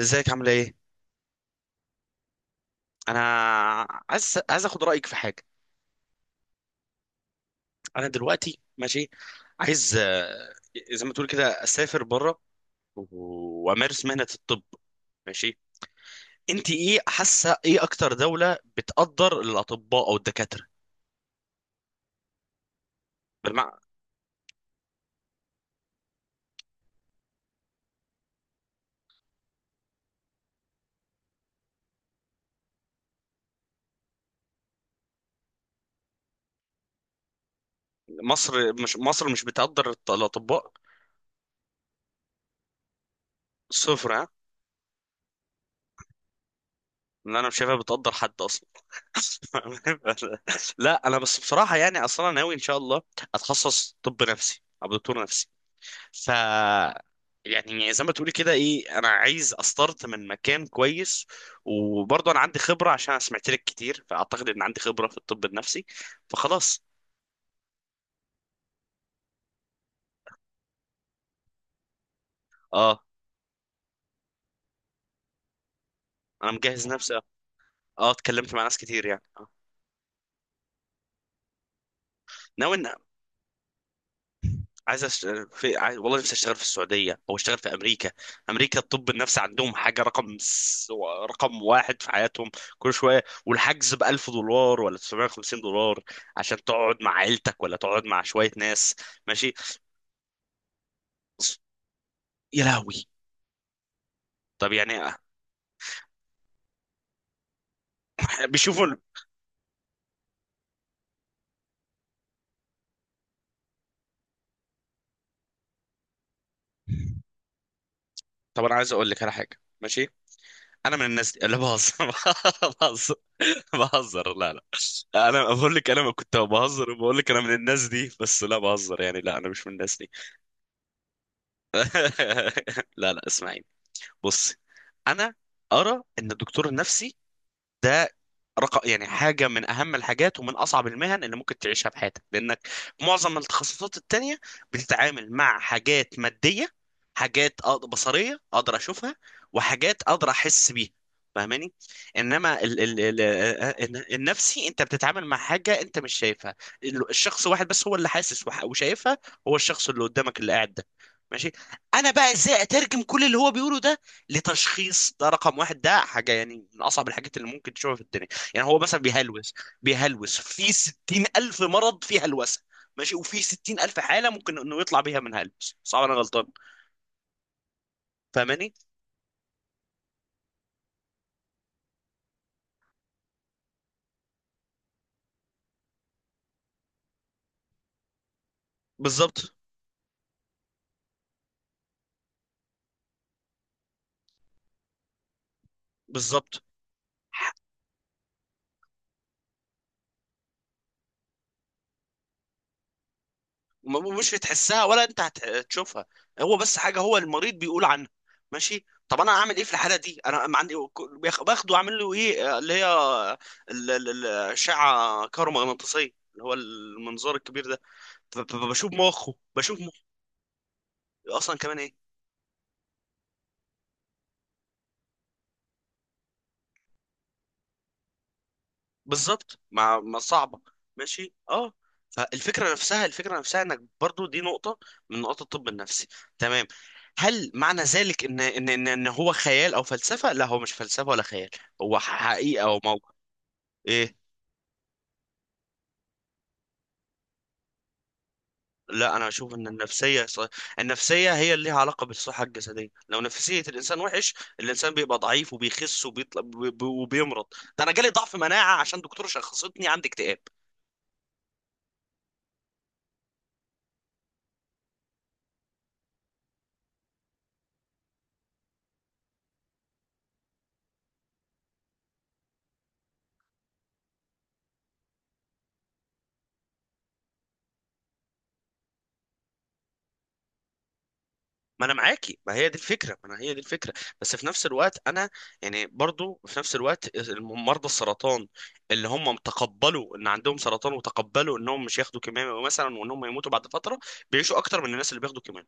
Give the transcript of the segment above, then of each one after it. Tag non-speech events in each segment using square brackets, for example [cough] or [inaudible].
ازيك؟ عامله ايه؟ انا عايز اخد رايك في حاجه. انا دلوقتي ماشي عايز، زي ما تقول كده اسافر بره و- وامارس مهنه الطب. ماشي، انت ايه حاسه ايه اكتر دوله بتقدر الاطباء او الدكاتره؟ بالمع... مصر مش بتقدر الط- الاطباء. صفر. ها؟ انا مش شايفها بتقدر حد اصلا. [laughs] لا، انا بس بصراحه يعني اصلا ناوي ان شاء الله اتخصص طب نفسي، ابقى دكتور نفسي. ف يعني زي ما تقولي كده ايه، انا عايز استارت من مكان كويس، وبرضه انا عندي خبره عشان انا سمعت لك كتير، فاعتقد ان عندي خبره في الطب النفسي، فخلاص. اه، انا مجهز نفسي، اه. اتكلمت مع ناس كتير يعني، آه. ناوي ان... عايز أش... والله نفسي اشتغل في السعوديه او اشتغل في امريكا. امريكا الطب النفسي عندهم حاجه رقم واحد في حياتهم. كل شويه والحجز ب 1000 دولار ولا 950 دولار عشان تقعد مع عيلتك ولا تقعد مع شويه ناس. ماشي. يا لهوي! طب يعني... بيشوفوا ال- طب انا عايز اقول لك على حاجه، ماشي. انا من الناس دي، لا بهزر. [laughs] بهزر. بهزر، لا لا، انا بقول لك انا كنت بهزر وبقول لك انا من الناس دي، بس لا بهزر، يعني لا، انا مش من الناس دي. [laughs] لا لا، اسمعيني. بصي، انا ارى ان الدكتور النفسي ده رقم... يعني حاجة من أهم الحاجات ومن أصعب المهن اللي ممكن تعيشها في حياتك، لأنك في معظم التخصصات التانية بتتعامل مع حاجات مادية، حاجات بصرية، أقدر أشوفها، وحاجات أقدر أحس بيها. فاهماني؟ انما النفسي انت بتتعامل مع حاجه انت مش شايفها. ال- الشخص واحد بس هو اللي حاسس وح- وشايفها، هو الشخص اللي قدامك اللي قاعد ده. ماشي، انا بقى ازاي اترجم كل اللي هو بيقوله ده لتشخيص ده؟ رقم واحد، ده حاجه يعني من اصعب الحاجات اللي ممكن تشوفها في الدنيا. يعني هو مثلا بيهلوس. بيهلوس في 60 ألف مرض في هلوسة. ماشي، وفي 60 ألف حالة ممكن إنه يطلع بيها من هلوس، صعب أنا غلطان. فاهماني؟ بالظبط. بالظبط، مش هتحسها ولا أنت هتشوفها، هو بس حاجة هو المريض بيقول عنها. ماشي، طب انا اعمل ايه في الحاله دي؟ انا ما عندي... باخده اعمل له ايه، اللي هي ال- ال- ال- الاشعه كهرومغناطيسيه، اللي هو المنظار الكبير ده، بشوف مخه، بشوف مخه. اصلا كمان إيه؟ بالظبط، مع ما صعبه. ماشي، اه. فالفكره نفسها، الفكره نفسها انك برضو، دي نقطه من نقاط الطب النفسي. تمام. هل معنى ذلك إن هو خيال او فلسفه؟ لا، هو مش فلسفه ولا خيال، هو حقيقه او موقع. ايه؟ لا، انا اشوف ان النفسيه النفسيه هي اللي ليها علاقه بالصحه الجسديه. لو نفسيه الانسان وحش، الانسان بيبقى ضعيف وبيخس وبيطلع وبيمرض. ده انا جالي ضعف مناعه عشان دكتور شخصتني عندي اكتئاب. ما انا معاكي، ما هي دي الفكره، ما انا هي دي الفكره. بس في نفس الوقت انا يعني برضو في نفس الوقت مرضى السرطان اللي هم تقبلوا ان عندهم سرطان، وتقبلوا انهم مش ياخدوا كيماوي مثلا، وانهم يموتوا بعد فتره، بيعيشوا اكتر من الناس اللي بياخدوا كيماوي.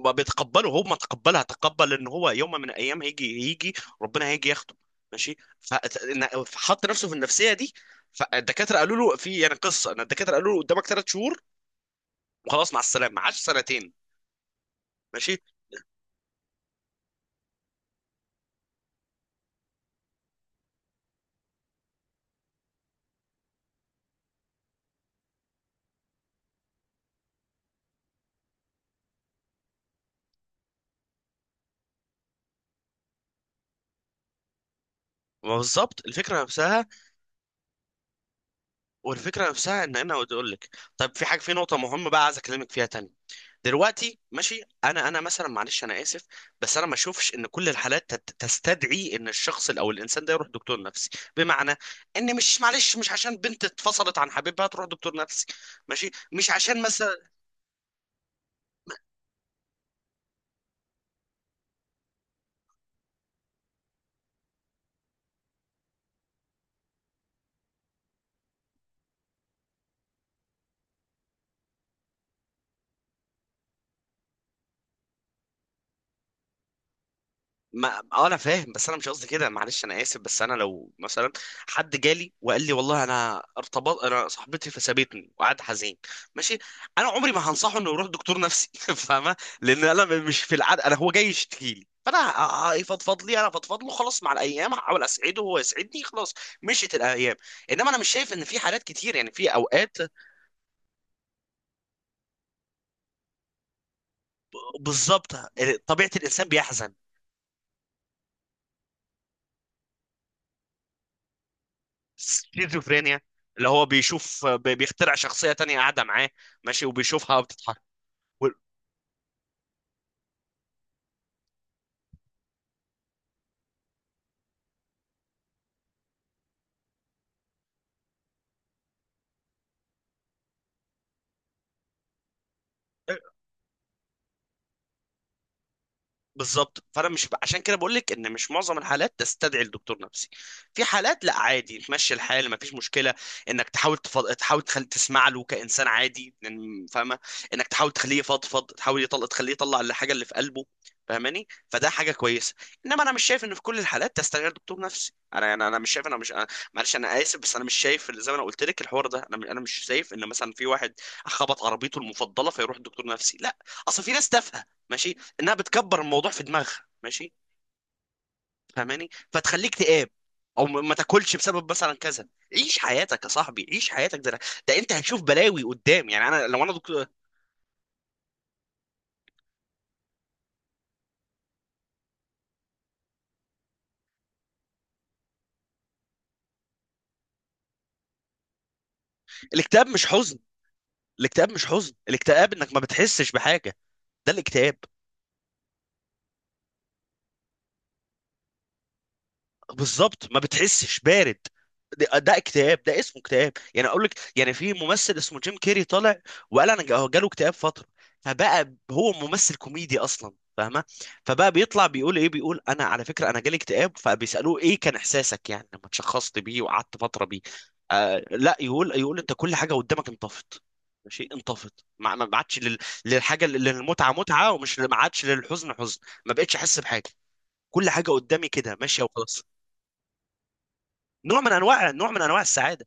بيتقبلوا هم، تقبلها، تقبل ان هو يوم من الايام هيجي، هيجي ربنا هيجي ياخده. ماشي. فحط نفسه في النفسيه دي. فالدكاتره قالوا له في يعني قصه ان الدكاتره قالوا له قدامك 3 شهور وخلاص، مع السلامه. عاش سنتين. ماشي. ما بالظبط الفكره نفسها. والفكره نفسها ان انا اقول لك، طيب في حاجه، في نقطه مهمه بقى عايز اكلمك فيها تاني دلوقتي، ماشي. انا مثلا، معلش انا اسف، بس انا ما اشوفش ان كل الحالات تستدعي ان الشخص او الانسان ده يروح دكتور نفسي. بمعنى ان... مش، معلش، مش عشان بنت اتفصلت عن حبيبها تروح دكتور نفسي، ماشي، مش عشان مثلا... ما اه، انا فاهم بس انا مش قصدي كده، معلش انا اسف. بس انا لو مثلا حد جالي وقال لي والله انا ارتبط، انا صاحبتي فسابتني، وقعد حزين، ماشي، انا عمري ما هنصحه انه يروح دكتور نفسي. [laughs] فاهمه؟ لان انا مش في العاده، انا هو جاي يشتكي لي، فانا يفضفض لي، انا افضفض له، خلاص، مع الايام هحاول اسعده وهو يسعدني، خلاص. مشيت الايام. انما انا مش شايف ان في حالات كتير، يعني في اوقات بالظبط طبيعه الانسان بيحزن. سكيزوفرينيا، اللي هو بيشوف، بيخترع شخصية تانية قاعدة معاه، ماشي، وبيشوفها بتتحرك. بالظبط. فانا مش عشان كده بقول لك ان مش معظم الحالات تستدعي الدكتور نفسي. في حالات لا، عادي تمشي الحال، ما فيش مشكله انك تحاول تحاول تخلي، تسمع له كانسان عادي، فاهمه؟ انك تحاول تخليه يفضفض، تحاول يطلع، تخليه يطلع الحاجه اللي في قلبه. فاهماني؟ فده حاجه كويسه. انما انا مش شايف ان في كل الحالات تستدعي دكتور نفسي، انا مش شايف، انا مش أنا... معلش انا اسف، بس انا مش شايف، اللي زي ما انا قلت لك الحوار ده، انا مش شايف ان مثلا في واحد خبط عربيته المفضله فيروح الدكتور نفسي، لا. اصل في ناس تافهه، ماشي، انها بتكبر الموضوع في دماغها، ماشي، فاهماني؟ فتخليك تقاب، او ما تاكلش بسبب مثلا كذا. عيش حياتك يا صاحبي، عيش حياتك. ده انت هتشوف بلاوي قدام، يعني انا لو انا دكتور... الاكتئاب مش حزن. الاكتئاب مش حزن، الاكتئاب انك ما بتحسش بحاجه، ده الاكتئاب. بالظبط، ما بتحسش بارد، ده اكتئاب، ده اسمه اكتئاب. يعني اقول لك، يعني في ممثل اسمه جيم كيري طالع وقال انا جاله اكتئاب فتره، فبقى هو ممثل كوميدي اصلا، فاهمه؟ فبقى بيطلع بيقول ايه، بيقول انا على فكره انا جالي اكتئاب، فبيسالوه ايه كان احساسك يعني لما تشخصت بيه وقعدت فتره بيه؟ آه لا، يقول انت كل حاجه قدامك انطفت. ماشي، انطفت، ما عادش لل- للحاجه، للمتعه متعه، ومش، ما عادش للحزن حزن، ما بقتش احس بحاجه، كل حاجه قدامي كده ماشيه وخلاص. نوع من انواع السعاده.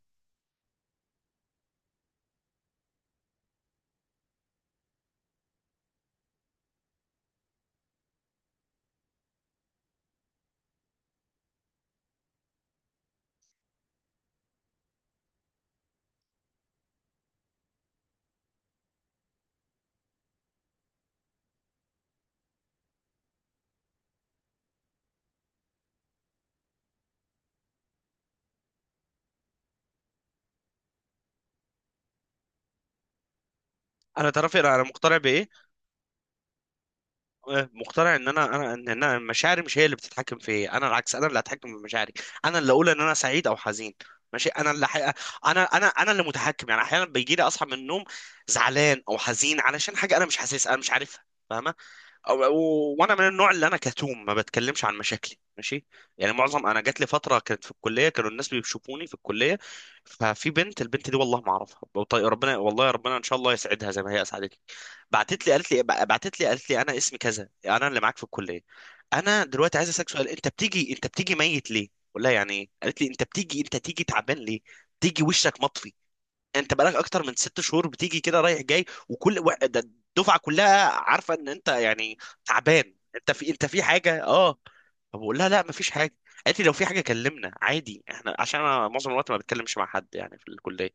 انا تعرفي أنا مقتنع بايه؟ مقتنع ان انا انا ان أنا مشاعري مش هي اللي بتتحكم في إيه. انا العكس، انا اللي هتحكم في مشاعري. انا اللي اقول ان انا سعيد او حزين، ماشي، انا اللي حقيقة. انا اللي متحكم. يعني احيانا بيجي لي اصحى من النوم زعلان او حزين علشان حاجه انا مش حاسسها، انا مش عارفها. فاهمه؟ أو أو- وانا من النوع اللي انا كتوم، ما بتكلمش عن مشاكلي، ماشي. يعني معظم... انا جات لي فتره كانت في الكليه، كانوا الناس بيشوفوني في الكليه، ففي بنت، البنت دي والله ما اعرفها، وطي- ربنا، والله يا ربنا ان شاء الله يسعدها زي ما هي اسعدتني. بعتت لي قالت لي انا اسمي كذا، انا اللي معاك في الكليه، انا دلوقتي عايز اسالك سؤال، انت بتيجي ميت ليه؟ ولا يعني ايه؟ قالت لي انت بتيجي، انت تيجي تعبان ليه؟ تيجي وشك مطفي، انت بقالك اكتر من 6 شهور بتيجي كده رايح جاي، وكل ده، الدفعه كلها عارفه ان انت يعني تعبان، انت في حاجه، اه. طب بقول لها لا، مفيش حاجه. قالت لي لو في حاجه كلمنا عادي احنا، عشان انا معظم الوقت ما بتكلمش مع حد يعني في الكليه،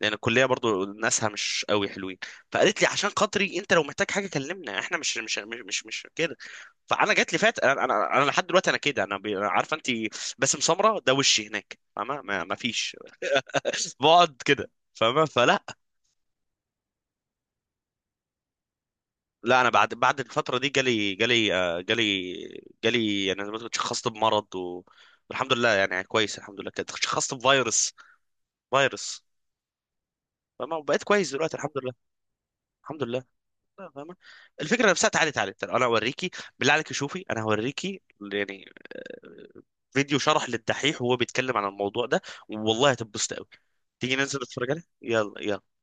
لان الكليه برضو ناسها مش قوي حلوين. فقالت لي عشان خاطري انت لو محتاج حاجه كلمنا احنا، مش كده. فانا جات لي فات، انا أنا لحد دلوقتي انا كده، انا بي- عارفه انت باسم سمره ده وشي هناك، فاهمه؟ ما فيش، بقعد كده، فاهمه؟ فلا. لا انا بعد الفتره دي، جالي جالي آه، جالي جالي يعني زي ما تقول اتشخصت بمرض والحمد لله يعني كويس، الحمد لله كده اتشخصت بفيروس. فيروس. فاهمة؟ وبقيت كويس دلوقتي، الحمد لله. الحمد لله. لا، فاهمة. الفكره نفسها، تعالي تعالي تعالي، انا اوريكي، بالله عليك، شوفي، انا هوريكي يعني، آه، فيديو شرح للدحيح وهو بيتكلم عن الموضوع ده، والله هتنبسط قوي. تيجي ننزل نتفرج عليه؟ يلا يلا.